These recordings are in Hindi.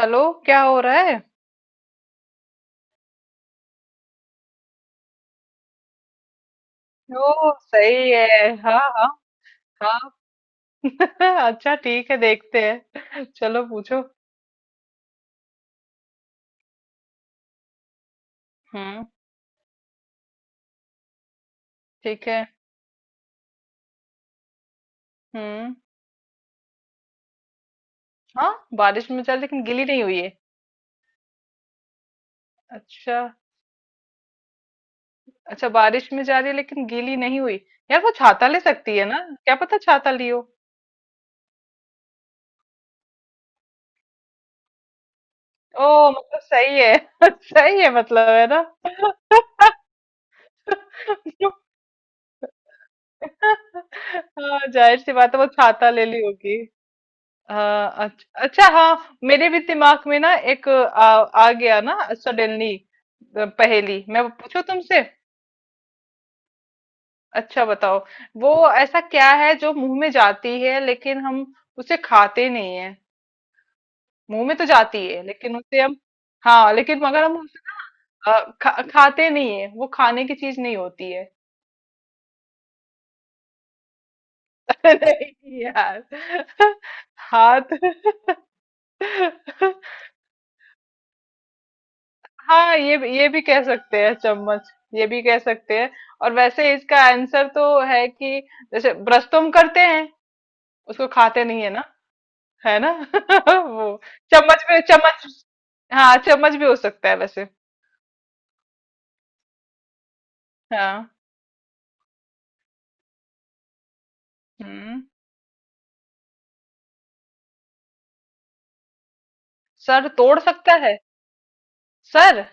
हेलो। क्या हो रहा है? ओ सही है। हाँ हाँ हाँ। अच्छा ठीक है, देखते हैं, चलो पूछो। हम्म। ठीक है। हम्म। हाँ, बारिश में जा रही लेकिन गीली नहीं हुई है। अच्छा। अच्छा बारिश में जा रही है लेकिन गीली नहीं हुई। यार वो छाता ले सकती है ना। क्या पता छाता लियो। ओ मतलब सही है। सही है मतलब, है ना। हाँ जाहिर सी बात है, वो छाता ले ली होगी। हाँ अच्छा हाँ, मेरे भी दिमाग में ना एक आ गया ना सडनली। पहेली मैं पूछूं तुमसे। अच्छा बताओ, वो ऐसा क्या है जो मुंह में जाती है लेकिन हम उसे खाते नहीं है। मुंह में तो जाती है लेकिन उसे हम, हाँ लेकिन मगर हम उसे खाते नहीं है, वो खाने की चीज नहीं होती है। नहीं यार, हाथ। हाँ ये भी कह सकते हैं चम्मच। ये भी कह सकते हैं। और वैसे इसका आंसर तो है कि जैसे ब्रश तो हम करते हैं, उसको खाते नहीं है ना, है ना। वो चम्मच भी, चम्मच। हाँ चम्मच भी हो सकता है वैसे। हाँ। हम्म। सर तोड़ सकता है। सर।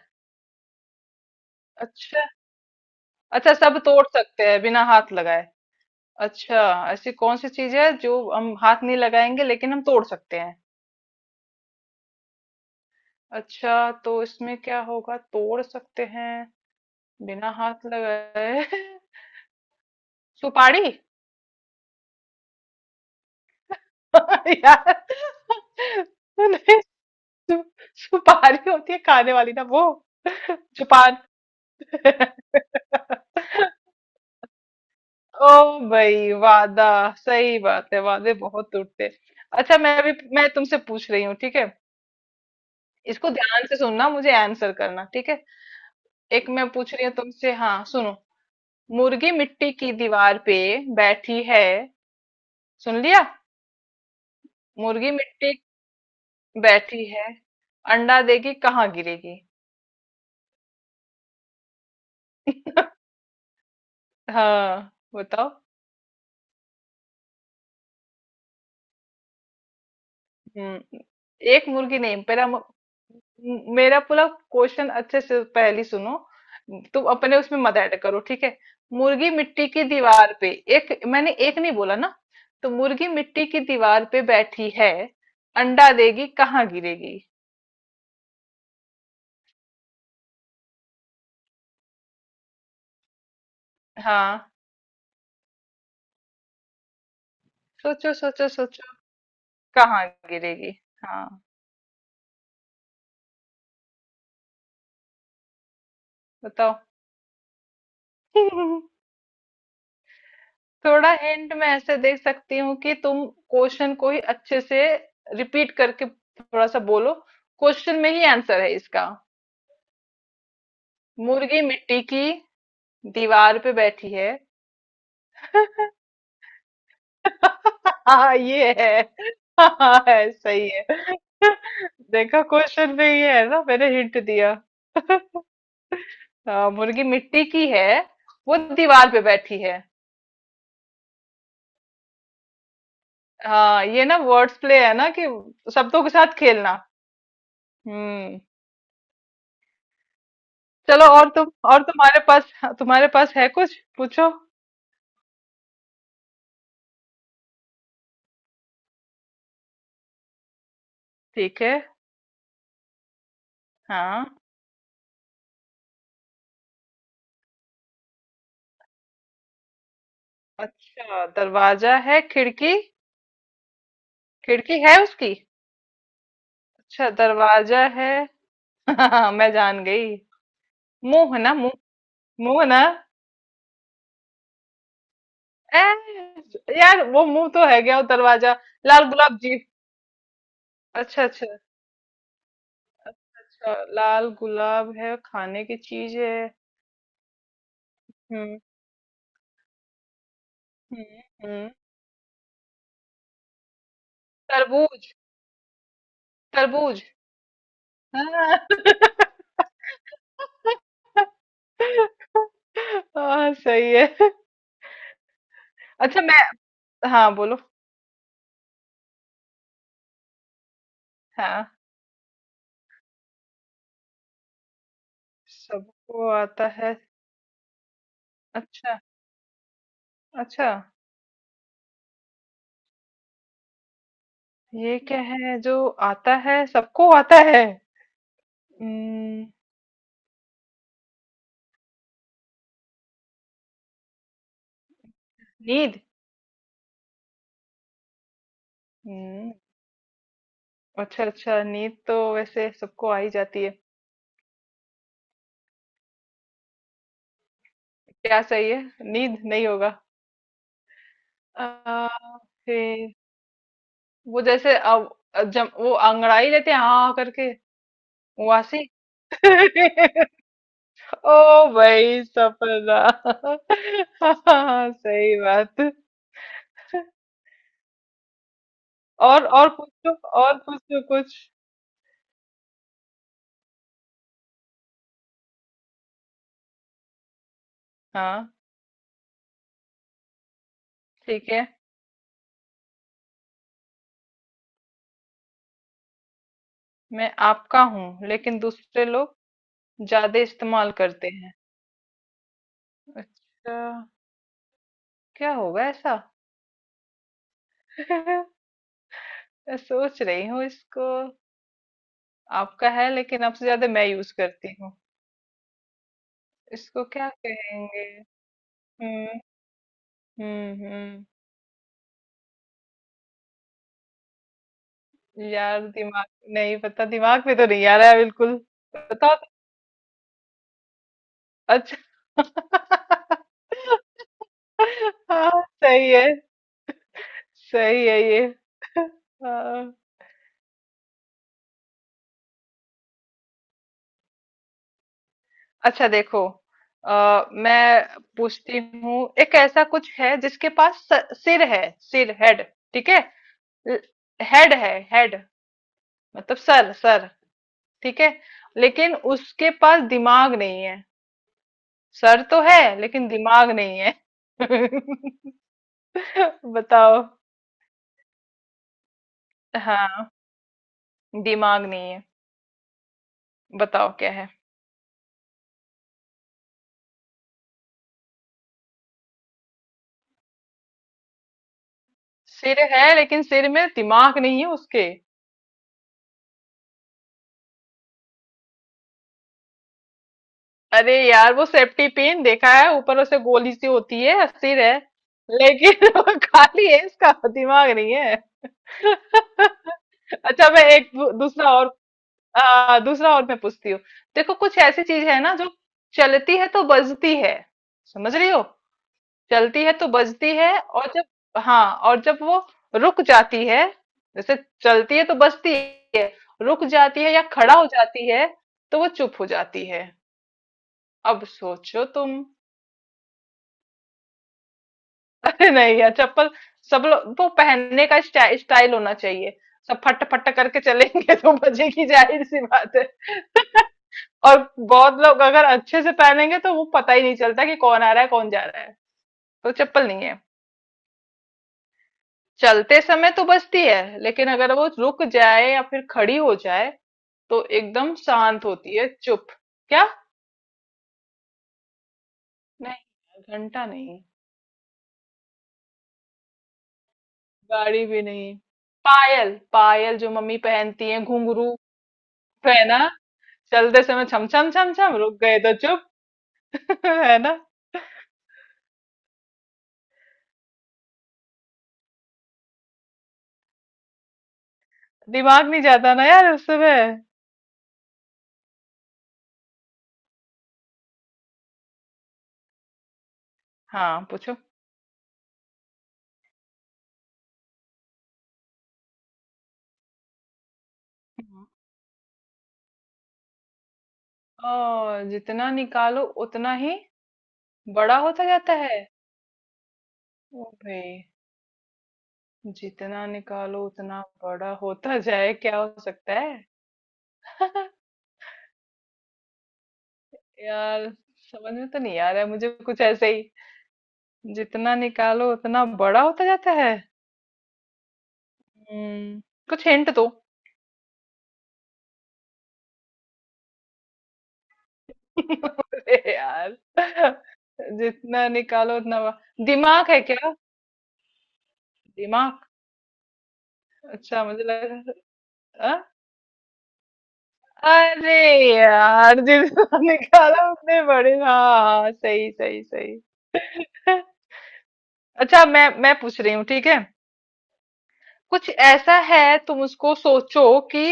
अच्छा। अच्छा सब तोड़ सकते हैं बिना हाथ लगाए। अच्छा ऐसी कौन सी चीज है जो हम हाथ नहीं लगाएंगे लेकिन हम तोड़ सकते हैं। अच्छा तो इसमें क्या होगा, तोड़ सकते हैं बिना हाथ लगाए। सुपारी। यार। नहीं, सु, सुपारी होती है खाने वाली ना, वो जो पान। ओ भाई वादा। सही बात है, वादे बहुत टूटते हैं। अच्छा मैं अभी मैं तुमसे पूछ रही हूँ, ठीक है। इसको ध्यान से सुनना, मुझे आंसर करना, ठीक है। एक मैं पूछ रही हूँ तुमसे, हाँ सुनो। मुर्गी मिट्टी की दीवार पे बैठी है, सुन लिया। मुर्गी मिट्टी बैठी है, अंडा देगी कहाँ गिरेगी। हाँ बताओ। हम्म। एक मुर्गी नहीं, मेरा पूरा क्वेश्चन अच्छे से पहली सुनो। तुम अपने उसमें मत ऐड करो, ठीक है। मुर्गी मिट्टी की दीवार पे, एक मैंने एक नहीं बोला ना। तो मुर्गी मिट्टी की दीवार पे बैठी है, अंडा देगी कहाँ गिरेगी। हाँ सोचो सोचो सोचो, कहाँ गिरेगी। हाँ बताओ। थोड़ा हिंट मैं ऐसे दे सकती हूँ कि तुम क्वेश्चन को ही अच्छे से रिपीट करके थोड़ा सा बोलो, क्वेश्चन में ही आंसर है इसका। मुर्गी मिट्टी की दीवार पे बैठी है। हाँ ये है। हाँ है, सही है। देखा, क्वेश्चन में ये है ना, मैंने हिंट दिया। हाँ मुर्गी मिट्टी की है, वो दीवार पे बैठी है। हाँ ये ना वर्ड्स प्ले है ना कि शब्दों के साथ खेलना। हम्म। चलो, और तुम, और तुम्हारे पास, तुम्हारे पास है कुछ, पूछो। ठीक है। हाँ। अच्छा दरवाजा है, खिड़की, खिड़की है उसकी? अच्छा दरवाजा है। मैं जान गई, मुंह है ना, मुंह। मुंह है ना। ए, यार वो मुंह तो है गया वो दरवाजा। लाल गुलाब जी। अच्छा अच्छा। अच्छा लाल गुलाब है, खाने की चीज है। हम्म। हम्म। हम्म। तरबूज। तरबूज। हाँ। हाँ सही है। अच्छा मैं, हाँ बोलो। हाँ। सबको आता है। अच्छा। अच्छा ये क्या है जो आता है, सबको आता है। हम्म, नींद। हम्म, अच्छा अच्छा, नींद तो वैसे सबको आ ही जाती है। क्या सही है? नींद नहीं होगा। आ, फिर वो जैसे अब, जब वो अंगड़ाई लेते हैं हाँ करके, वासी। ओ भाई सपना। हाँ सही बात। और पूछो, और पूछो कुछ। हाँ। ठीक है। मैं आपका हूँ लेकिन दूसरे लोग ज्यादा इस्तेमाल करते हैं। अच्छा। क्या होगा ऐसा? मैं सोच रही हूँ इसको, आपका है लेकिन आपसे ज्यादा मैं यूज करती हूँ, इसको क्या कहेंगे? हम्म। हम्म। यार दिमाग, नहीं पता। दिमाग में तो नहीं आ रहा है बिल्कुल। बताओ। अच्छा। हाँ सही है, सही है ये। हाँ। अच्छा देखो, मैं पूछती हूँ, एक ऐसा कुछ है जिसके पास सिर है, सिर, हेड। ठीक है। ल- हेड है, हेड। मतलब सर, सर। ठीक है, लेकिन उसके पास दिमाग नहीं है। सर तो है लेकिन दिमाग नहीं है। बताओ। हाँ दिमाग नहीं है। बताओ क्या है। सिर है लेकिन सिर में दिमाग नहीं है उसके। अरे यार वो सेफ्टी पिन देखा है, ऊपर उसे गोली सी होती है, सिर है लेकिन वो खाली है, इसका दिमाग नहीं है। अच्छा मैं एक दूसरा और, दूसरा और मैं पूछती हूँ। देखो कुछ ऐसी चीज है ना जो चलती है तो बजती है, समझ रही हो। चलती है तो बजती है, और जब, हाँ और जब वो रुक जाती है, जैसे, चलती है तो बजती है, रुक जाती है या खड़ा हो जाती है तो वो चुप हो जाती है। अब सोचो तुम। अरे नहीं यार, चप्पल सब लोग वो पहनने का स्टाइल, स्टाइल होना चाहिए। सब फट फट करके चलेंगे तो बजेगी जाहिर सी बात है। और बहुत लोग अगर अच्छे से पहनेंगे तो वो पता ही नहीं चलता कि कौन आ रहा है कौन जा रहा है। तो चप्पल नहीं है। चलते समय तो बचती है लेकिन अगर वो रुक जाए या फिर खड़ी हो जाए तो एकदम शांत होती है, चुप। क्या? नहीं घंटा नहीं। गाड़ी भी नहीं। पायल, पायल जो मम्मी पहनती है, घुंघरू। है ना, चलते समय छम छम छम छम, रुक गए तो चुप। है ना। दिमाग नहीं जाता ना यार उस समय। हाँ पूछो। ओ, जितना निकालो उतना ही, बड़ा होता जाता है। ओ भाई, जितना निकालो उतना बड़ा होता जाए क्या हो सकता है? यार समझ में तो नहीं आ रहा है मुझे, कुछ ऐसे ही जितना निकालो उतना बड़ा होता जाता है। हम्म। कुछ हिंट दो। अरे यार, जितना निकालो उतना बड़ा, दिमाग है क्या? दिमाग। अच्छा, मुझे लगा। अ? अरे यार जितना निकालो उतने बड़े, हाँ हाँ सही सही सही। अच्छा मैं पूछ रही हूँ, ठीक है। कुछ ऐसा है, तुम उसको सोचो कि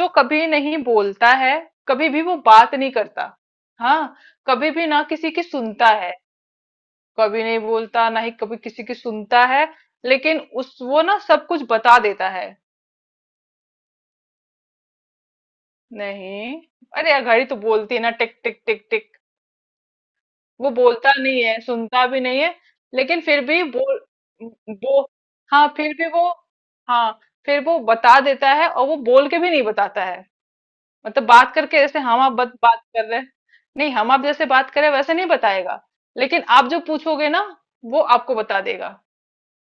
जो कभी नहीं बोलता है, कभी भी वो बात नहीं करता। हाँ, कभी भी ना किसी की सुनता है। कभी नहीं बोलता ना ही कभी किसी की सुनता है, लेकिन उस वो ना सब कुछ बता देता है। नहीं। अरे यार घड़ी तो बोलती है ना, टिक टिक टिक टिक। वो बोलता नहीं है, सुनता भी नहीं है लेकिन फिर भी बोल, वो, हाँ फिर भी वो, हाँ, फिर वो बता देता है और वो बोल के भी नहीं बताता है। मतलब बात करके जैसे हम आप बात कर रहे हैं। नहीं, हम आप जैसे बात करें वैसे नहीं बताएगा, लेकिन आप जो पूछोगे ना वो आपको बता देगा।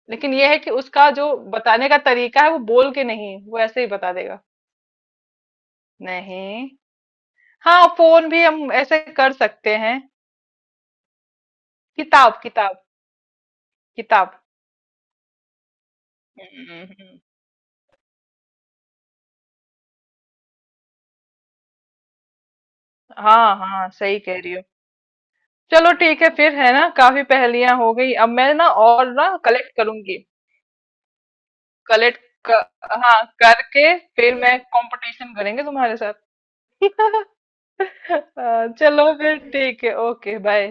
लेकिन ये है कि उसका जो बताने का तरीका है वो बोल के नहीं, वो ऐसे ही बता देगा। नहीं। हाँ फोन भी हम ऐसे कर सकते हैं। किताब, किताब। किताब। हम्म, हम्म। हाँ हाँ सही कह रही हो। चलो ठीक है फिर, है ना, काफी पहेलियां हो गई, अब मैं ना और ना कलेक्ट करूंगी। कलेक्ट कर, हाँ करके फिर मैं कंपटीशन करेंगे तुम्हारे साथ। चलो फिर ठीक है, ओके बाय।